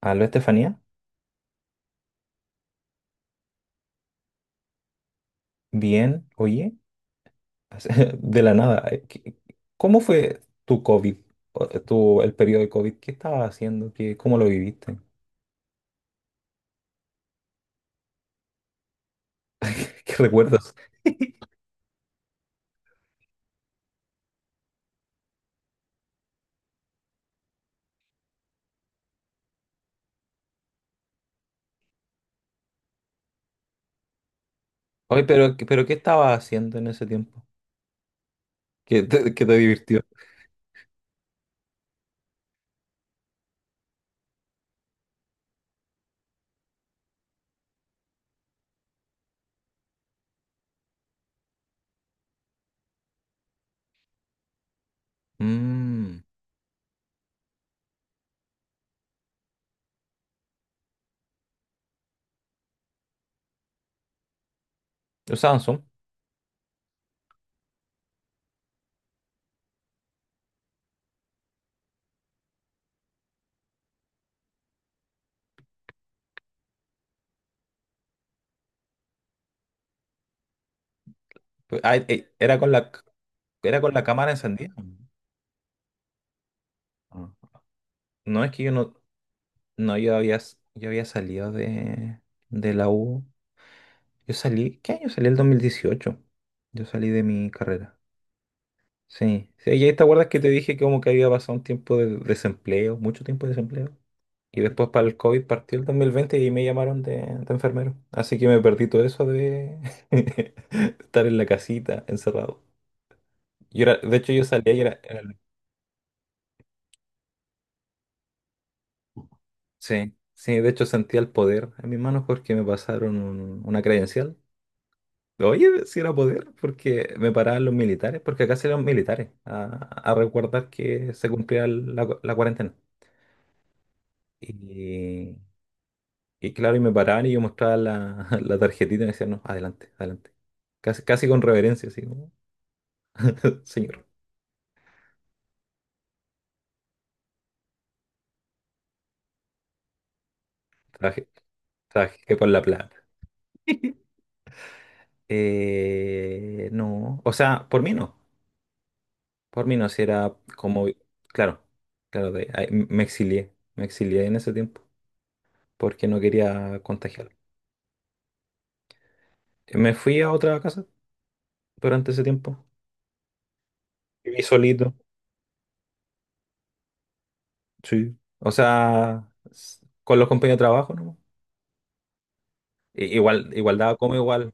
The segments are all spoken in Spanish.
Aló, Estefanía. Bien, oye, de la nada. ¿Cómo fue tu COVID? El periodo de COVID, ¿qué estabas haciendo? ¿Qué, cómo lo viviste? ¿Qué recuerdas? Oye, pero ¿qué estabas haciendo en ese tiempo? ¿Qué te divirtió? Mm, usaban Zoom. Pues, era con la cámara encendida. Ah. No, es que yo no, yo había, yo había salido de la U. Yo salí, ¿qué año salí? El 2018. Yo salí de mi carrera. Sí, sí, y ahí te acuerdas que te dije que como que había pasado un tiempo de desempleo, mucho tiempo de desempleo. Y después para el COVID partió el 2020 y ahí me llamaron de enfermero. Así que me perdí todo eso de estar en la casita, encerrado. Yo era, de hecho yo salía. Sí, sí, de hecho sentía el poder en mis manos porque me pasaron una credencial. Oye, si era poder, porque me paraban los militares, porque acá salían militares a recordar que se cumplía la cuarentena. Y Y claro, y me paraban y yo mostraba la, la tarjetita y me decían, no, adelante, adelante. Casi, casi con reverencia, así como, señor. Trabajé, trabajé por la plata. No, o sea, por mí no, si era como, claro, claro, ahí me exilié en ese tiempo porque no quería contagiar. Me fui a otra casa durante ese tiempo, viví solito, sí, o sea, con los compañeros de trabajo, ¿no? Igual, daba como igual,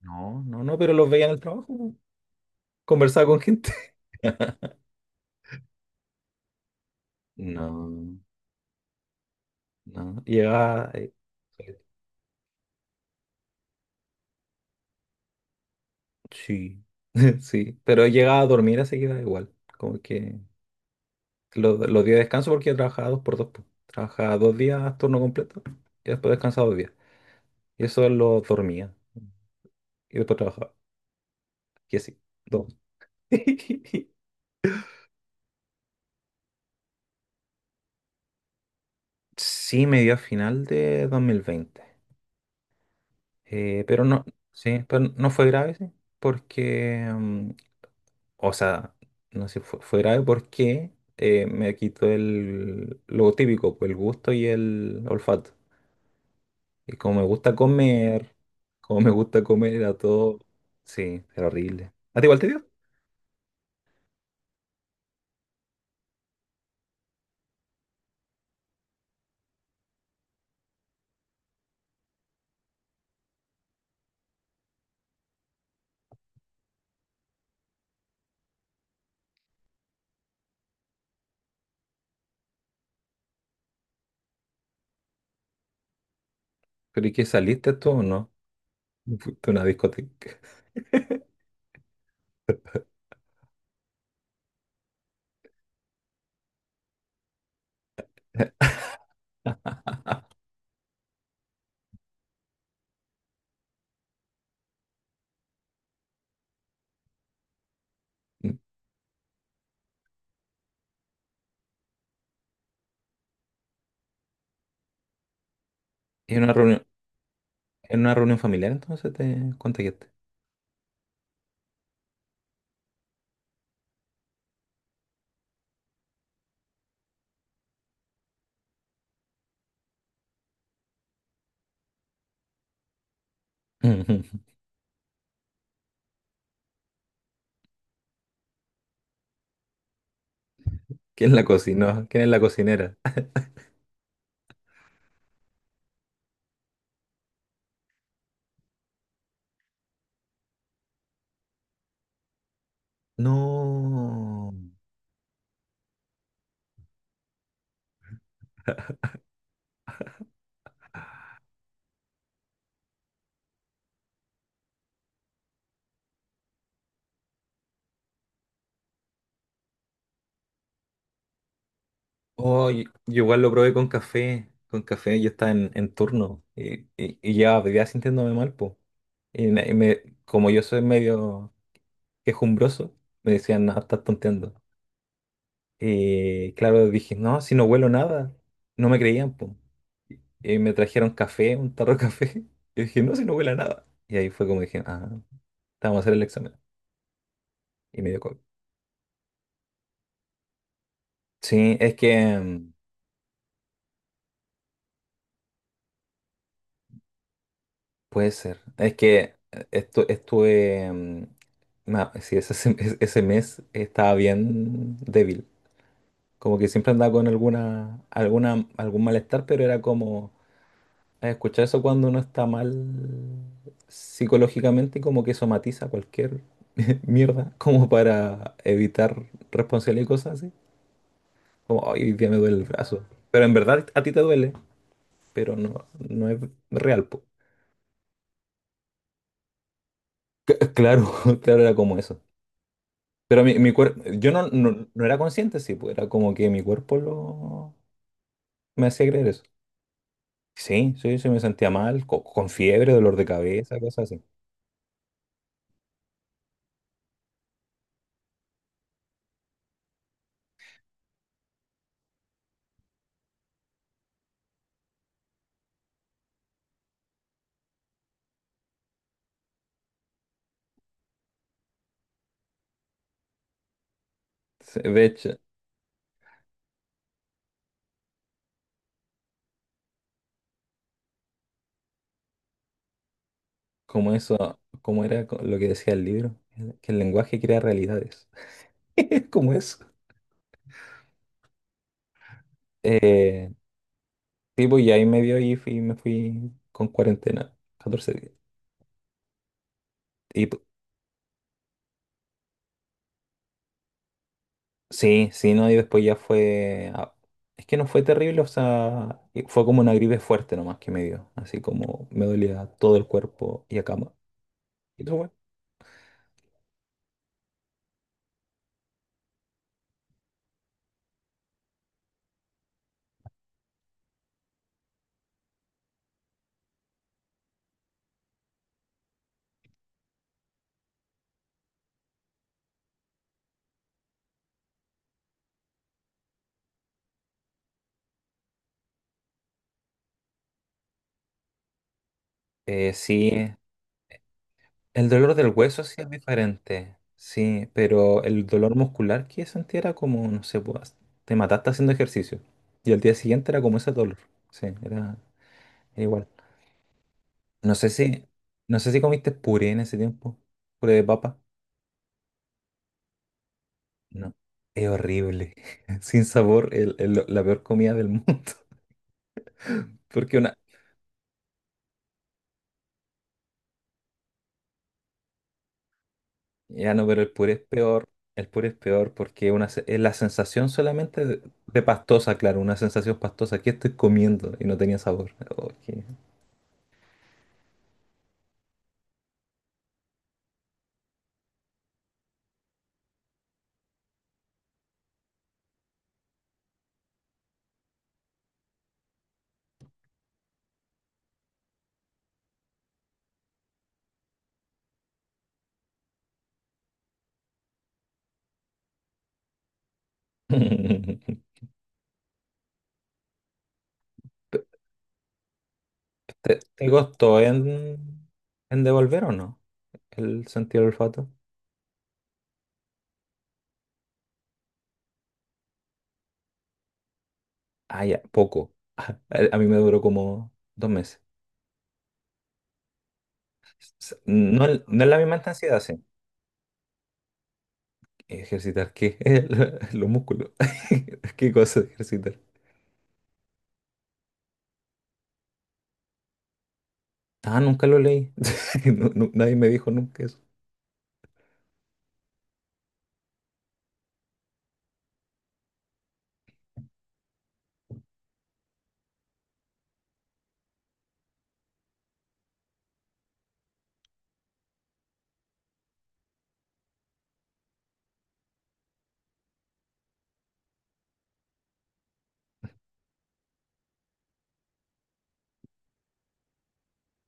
no, no, no, pero los veía en el trabajo, po. Conversaba con gente. No, no, llegaba... Sí, sí, pero llegaba a dormir así que da igual. Como que los días de descanso porque yo trabajaba dos por dos, po. Trabajaba 2 días turno completo y después descansaba 2 días. Y eso lo dormía y después trabajaba. Y así, dos. Sí, me dio a final de 2020. Pero no, sí, pero no fue grave, sí, porque o sea, no sé, fue grave porque me quitó el, lo típico, pues el gusto y el olfato. Y como me gusta comer, como me gusta comer, era todo. Sí, era horrible. ¿A ti igual te dio? ¿Pero y qué saliste tú o no? Fuiste a una discoteca. ¿En una reunión, en una reunión familiar entonces te contagiaste? ¿Quién la cocinó? ¿Quién es la cocinera? No. Oh, yo igual lo probé con café. Con café yo estaba en turno y llevaba días sintiéndome mal, po. Y me, como yo soy medio quejumbroso, me decían, no, estás tonteando. Y claro, dije, no, si no huelo nada. No me creían, po. Y me trajeron café, un tarro de café. Y dije, no, si no huele a nada. Y ahí fue como dije, ah, te vamos a hacer el examen. Y me dio COVID. Sí, es que... Puede ser. Es que estuve. Sí, ese mes estaba bien débil. Como que siempre andaba con algún malestar, pero era como. Escuchar eso cuando uno está mal psicológicamente, como que somatiza cualquier mierda, como para evitar responsabilidad y cosas así. Como, "Ay, hoy día me duele el brazo." Pero en verdad a ti te duele, pero no es real, po. Claro, claro, era como eso. Pero mi cuerpo, yo no, no, no era consciente, sí, pues era como que mi cuerpo lo me hacía creer eso. Sí, sí, sí, me sentía mal, con, fiebre, dolor de cabeza, cosas así. Sí, de hecho, como eso, como era lo que decía el libro, que el lenguaje crea realidades. Como eso. Eh, sí, pues, y ahí me dio y me fui con cuarentena, 14 días. Y sí, sí, no, y después ya fue... Es que no fue terrible, o sea, y fue como una gripe fuerte nomás que me dio, así como me dolía todo el cuerpo y a cama. ¿Y tú, güey? Sí, el dolor del hueso sí es diferente, sí, pero el dolor muscular que sentí era como, no sé, pues, te mataste haciendo ejercicio. Y al día siguiente era como ese dolor, sí, era, era igual. No sé si, no sé si comiste puré en ese tiempo, puré de papa. No, es horrible. Sin sabor, la peor comida del mundo. Porque una... Ya no, pero el puré es peor. El puré es peor porque una, es la sensación solamente de pastosa, claro, una sensación pastosa. Aquí estoy comiendo y no tenía sabor. Oh, ¿Te costó en devolver o no el sentido del olfato? Ah, ya, poco. A mí me duró como 2 meses. No, no es la misma intensidad, sí. ¿Ejercitar qué? Los músculos. ¿Qué cosa de ejercitar? Ah, nunca lo leí. Nadie me dijo nunca eso.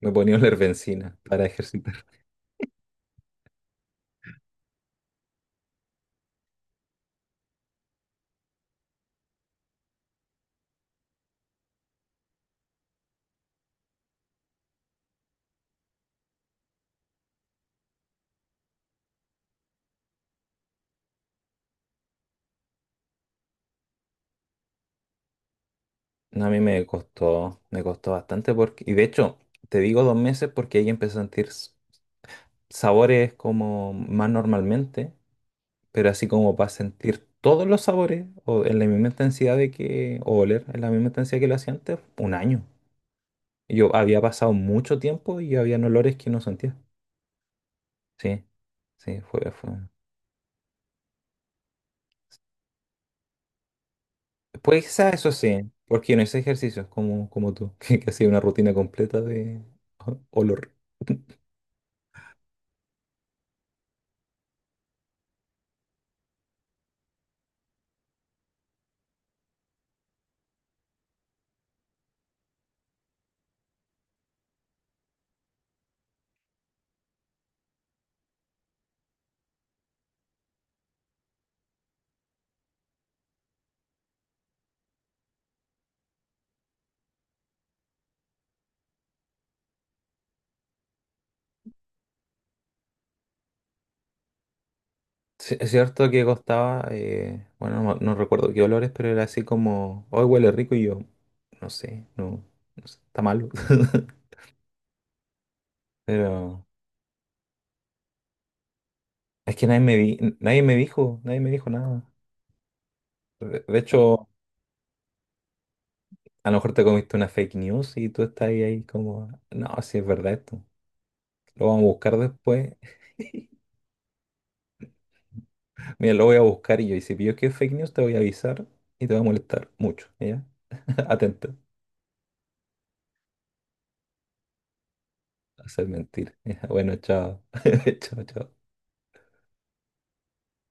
Me ponía a oler benzina para ejercitar. No, a mí me costó bastante porque... Y de hecho, te digo 2 meses porque ahí empecé a sentir sabores como más normalmente, pero así como para sentir todos los sabores o en la misma intensidad de que... o oler en la misma intensidad que lo hacía antes, un año. Yo había pasado mucho tiempo y había olores que no sentía. Sí, sí, fue, fue. Pues quizás eso sí, ¿eh? Porque yo no hice ejercicios como tú, que hacía una rutina completa de olor. Sí, es cierto que costaba, bueno, no, no recuerdo qué olores, pero era así como, hoy huele rico y yo, no sé, no, no sé, está malo. Pero es que nadie me dijo, nadie me dijo nada. De hecho, a lo mejor te comiste una fake news y tú estás ahí como, no, si es verdad esto, lo vamos a buscar después. Mira, lo voy a buscar y yo, y si pillo que es fake news, te voy a avisar y te va a molestar mucho, ¿ya? Atento, hacer mentir. Ya, bueno, chao. Chao, chao.